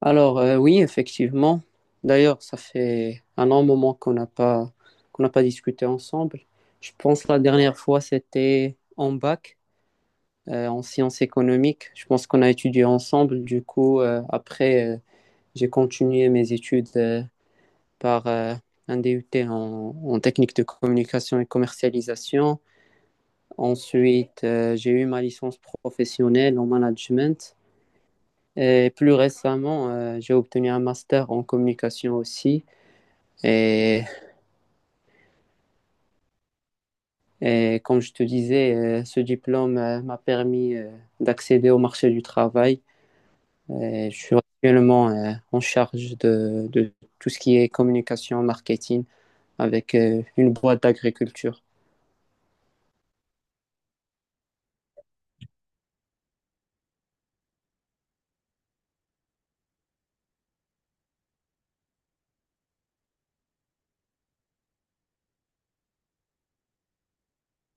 Alors, oui, effectivement. D'ailleurs, ça fait un long moment qu'on n'a pas discuté ensemble. Je pense que la dernière fois, c'était en bac, en sciences économiques. Je pense qu'on a étudié ensemble. Du coup, après, j'ai continué mes études par un DUT en technique de communication et commercialisation. Ensuite, j'ai eu ma licence professionnelle en management. Et plus récemment, j'ai obtenu un master en communication aussi. Et, et comme je te disais, ce diplôme m'a permis d'accéder au marché du travail. Et je suis actuellement en charge de tout ce qui est communication, marketing avec une boîte d'agriculture.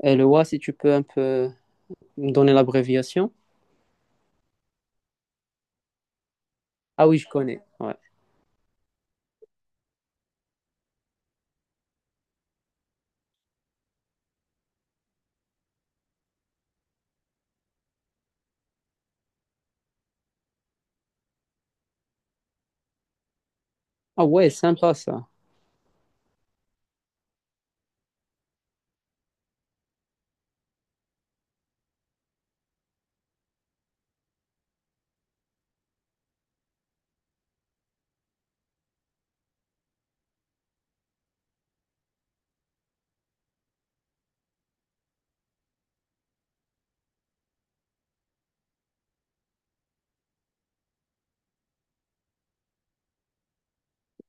Et le WA, si tu peux un peu me donner l'abréviation. Ah oui, je connais. Ouais. Ah ouais, sympa ça.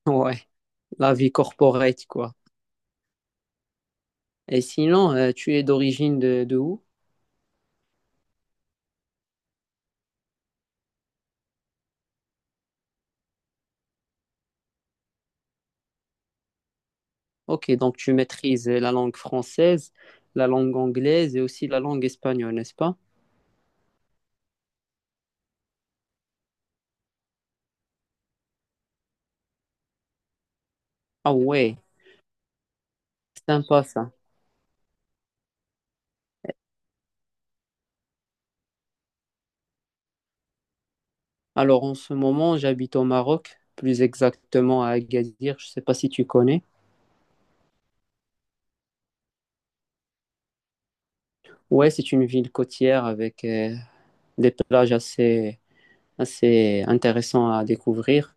Ouais, la vie corporate, quoi. Et sinon, tu es d'origine de où? Ok, donc tu maîtrises la langue française, la langue anglaise et aussi la langue espagnole, n'est-ce pas? Ah ouais, sympa ça. Alors en ce moment, j'habite au Maroc, plus exactement à Agadir, je ne sais pas si tu connais. Ouais, c'est une ville côtière avec des plages assez intéressantes à découvrir.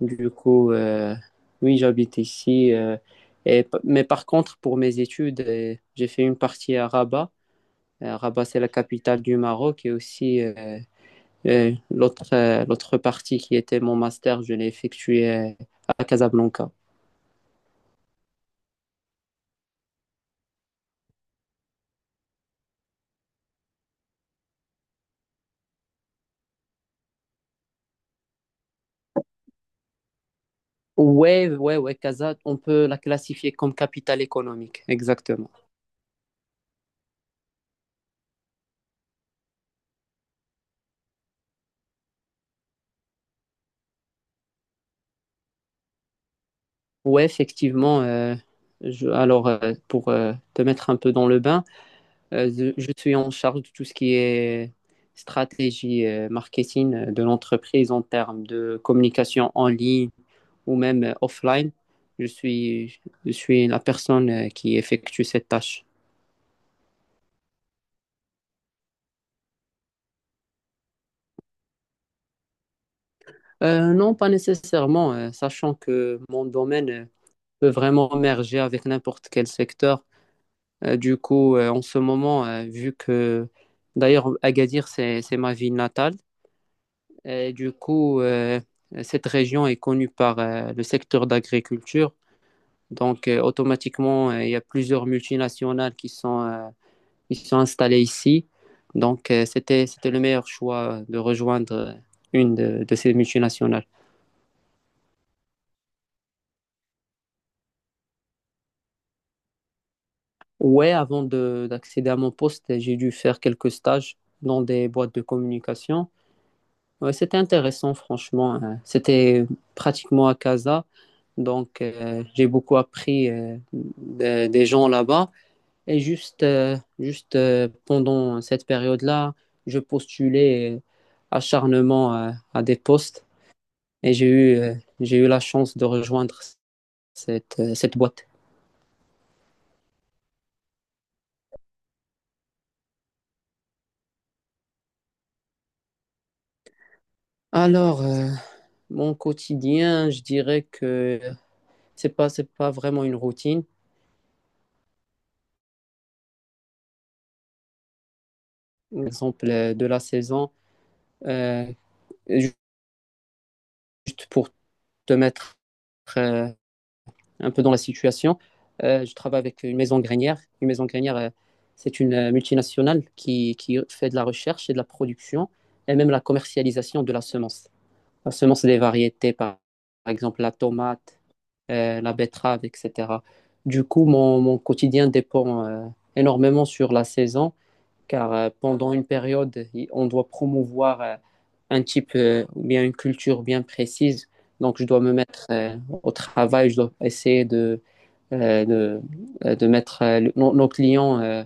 Du coup, oui, j'habite ici. Et, mais par contre, pour mes études, j'ai fait une partie à Rabat. Rabat, c'est la capitale du Maroc et aussi. Et l'autre, l'autre partie qui était mon master, je l'ai effectué à Casablanca. Ouais, ouais, ouais, Casa, on peut la classifier comme capitale économique, exactement. Ouais, effectivement. Alors, pour te mettre un peu dans le bain, je suis en charge de tout ce qui est stratégie marketing de l'entreprise en termes de communication en ligne ou même offline. Je suis la personne qui effectue cette tâche. Non, pas nécessairement, sachant que mon domaine peut vraiment merger avec n'importe quel secteur. Du coup, en ce moment, vu que d'ailleurs Agadir, c'est ma ville natale, et du coup, cette région est connue par le secteur d'agriculture. Donc, automatiquement, il y a plusieurs multinationales qui sont installées ici. Donc, c'était le meilleur choix de rejoindre une de ces multinationales. Ouais, avant de d'accéder à mon poste, j'ai dû faire quelques stages dans des boîtes de communication. Ouais, c'était intéressant, franchement. C'était pratiquement à Casa, donc j'ai beaucoup appris des gens là-bas. Et juste pendant cette période-là, je postulais acharnement à des postes et j'ai eu la chance de rejoindre cette boîte. Alors, mon quotidien, je dirais que c'est pas vraiment une routine. Par exemple de la saison, euh, juste pour te mettre euh, un peu dans la situation, je travaille avec une maison grainière. Une maison grainière, c'est une multinationale qui fait de la recherche et de la production et même la commercialisation de la semence. La semence des variétés, par exemple la tomate, la betterave, etc. Du coup, mon quotidien dépend énormément sur la saison car pendant une période, on doit promouvoir un type ou bien une culture bien précise. Donc, je dois me mettre au travail, je dois essayer euh, de, de mettre nos clients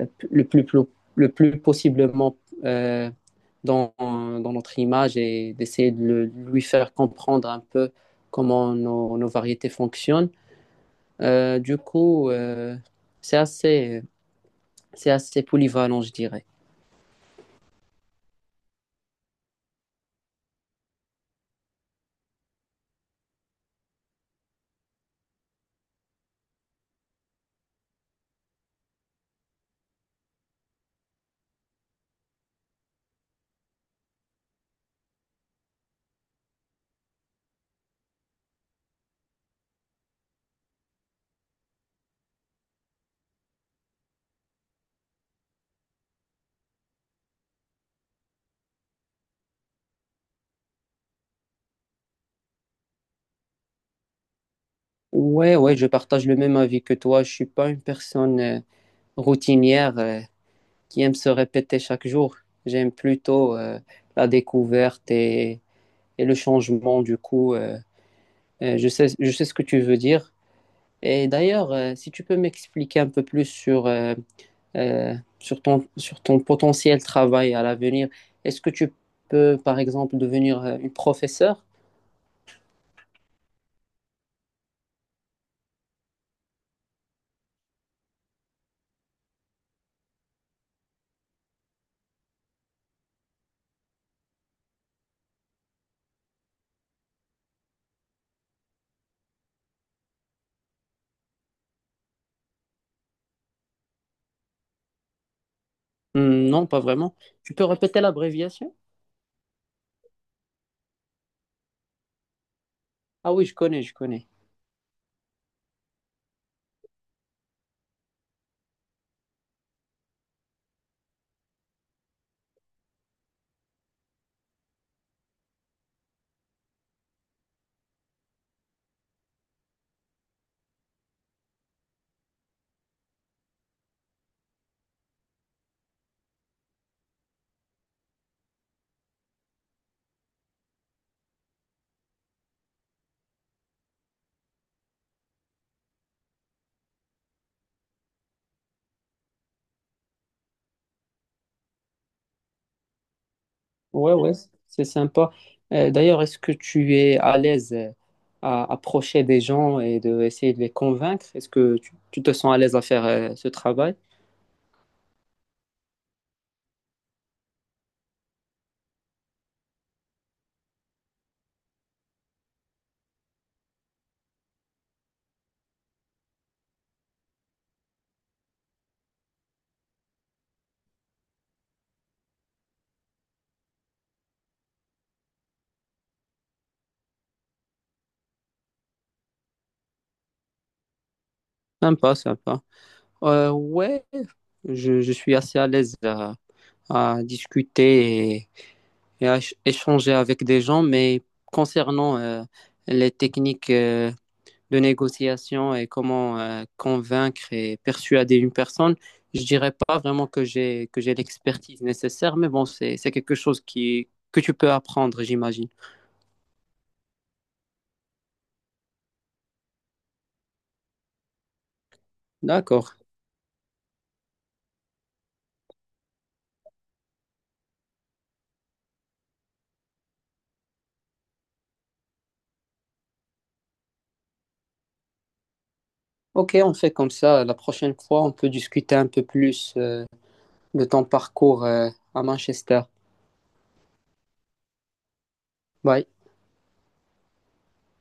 euh, le plus, plo- le plus possiblement euh, dans notre image et d'essayer de lui faire comprendre un peu comment nos variétés fonctionnent. Du coup, c'est assez, c'est assez polyvalent, je dirais. Ouais, ouais, je partage le même avis que toi. Je suis pas une personne routinière qui aime se répéter chaque jour. J'aime plutôt la découverte et le changement. Du coup, je sais ce que tu veux dire. Et d'ailleurs, si tu peux m'expliquer un peu plus sur sur ton potentiel travail à l'avenir, est-ce que tu peux, par exemple, devenir une professeure? Non, pas vraiment. Tu peux répéter l'abréviation? Ah oui, je connais, je connais. Ouais, ouais, c'est sympa. D'ailleurs, est-ce que tu es à l'aise à approcher des gens et de essayer de les convaincre? Est-ce que tu te sens à l'aise à faire ce travail? Sympa, sympa. Ouais, je suis assez à l'aise à discuter et à échanger avec des gens, mais concernant les techniques de négociation et comment convaincre et persuader une personne, je dirais pas vraiment que j'ai l'expertise nécessaire, mais bon, c'est quelque chose qui que tu peux apprendre, j'imagine. D'accord. Ok, on fait comme ça. La prochaine fois, on peut discuter un peu plus de ton parcours à Manchester. Bye.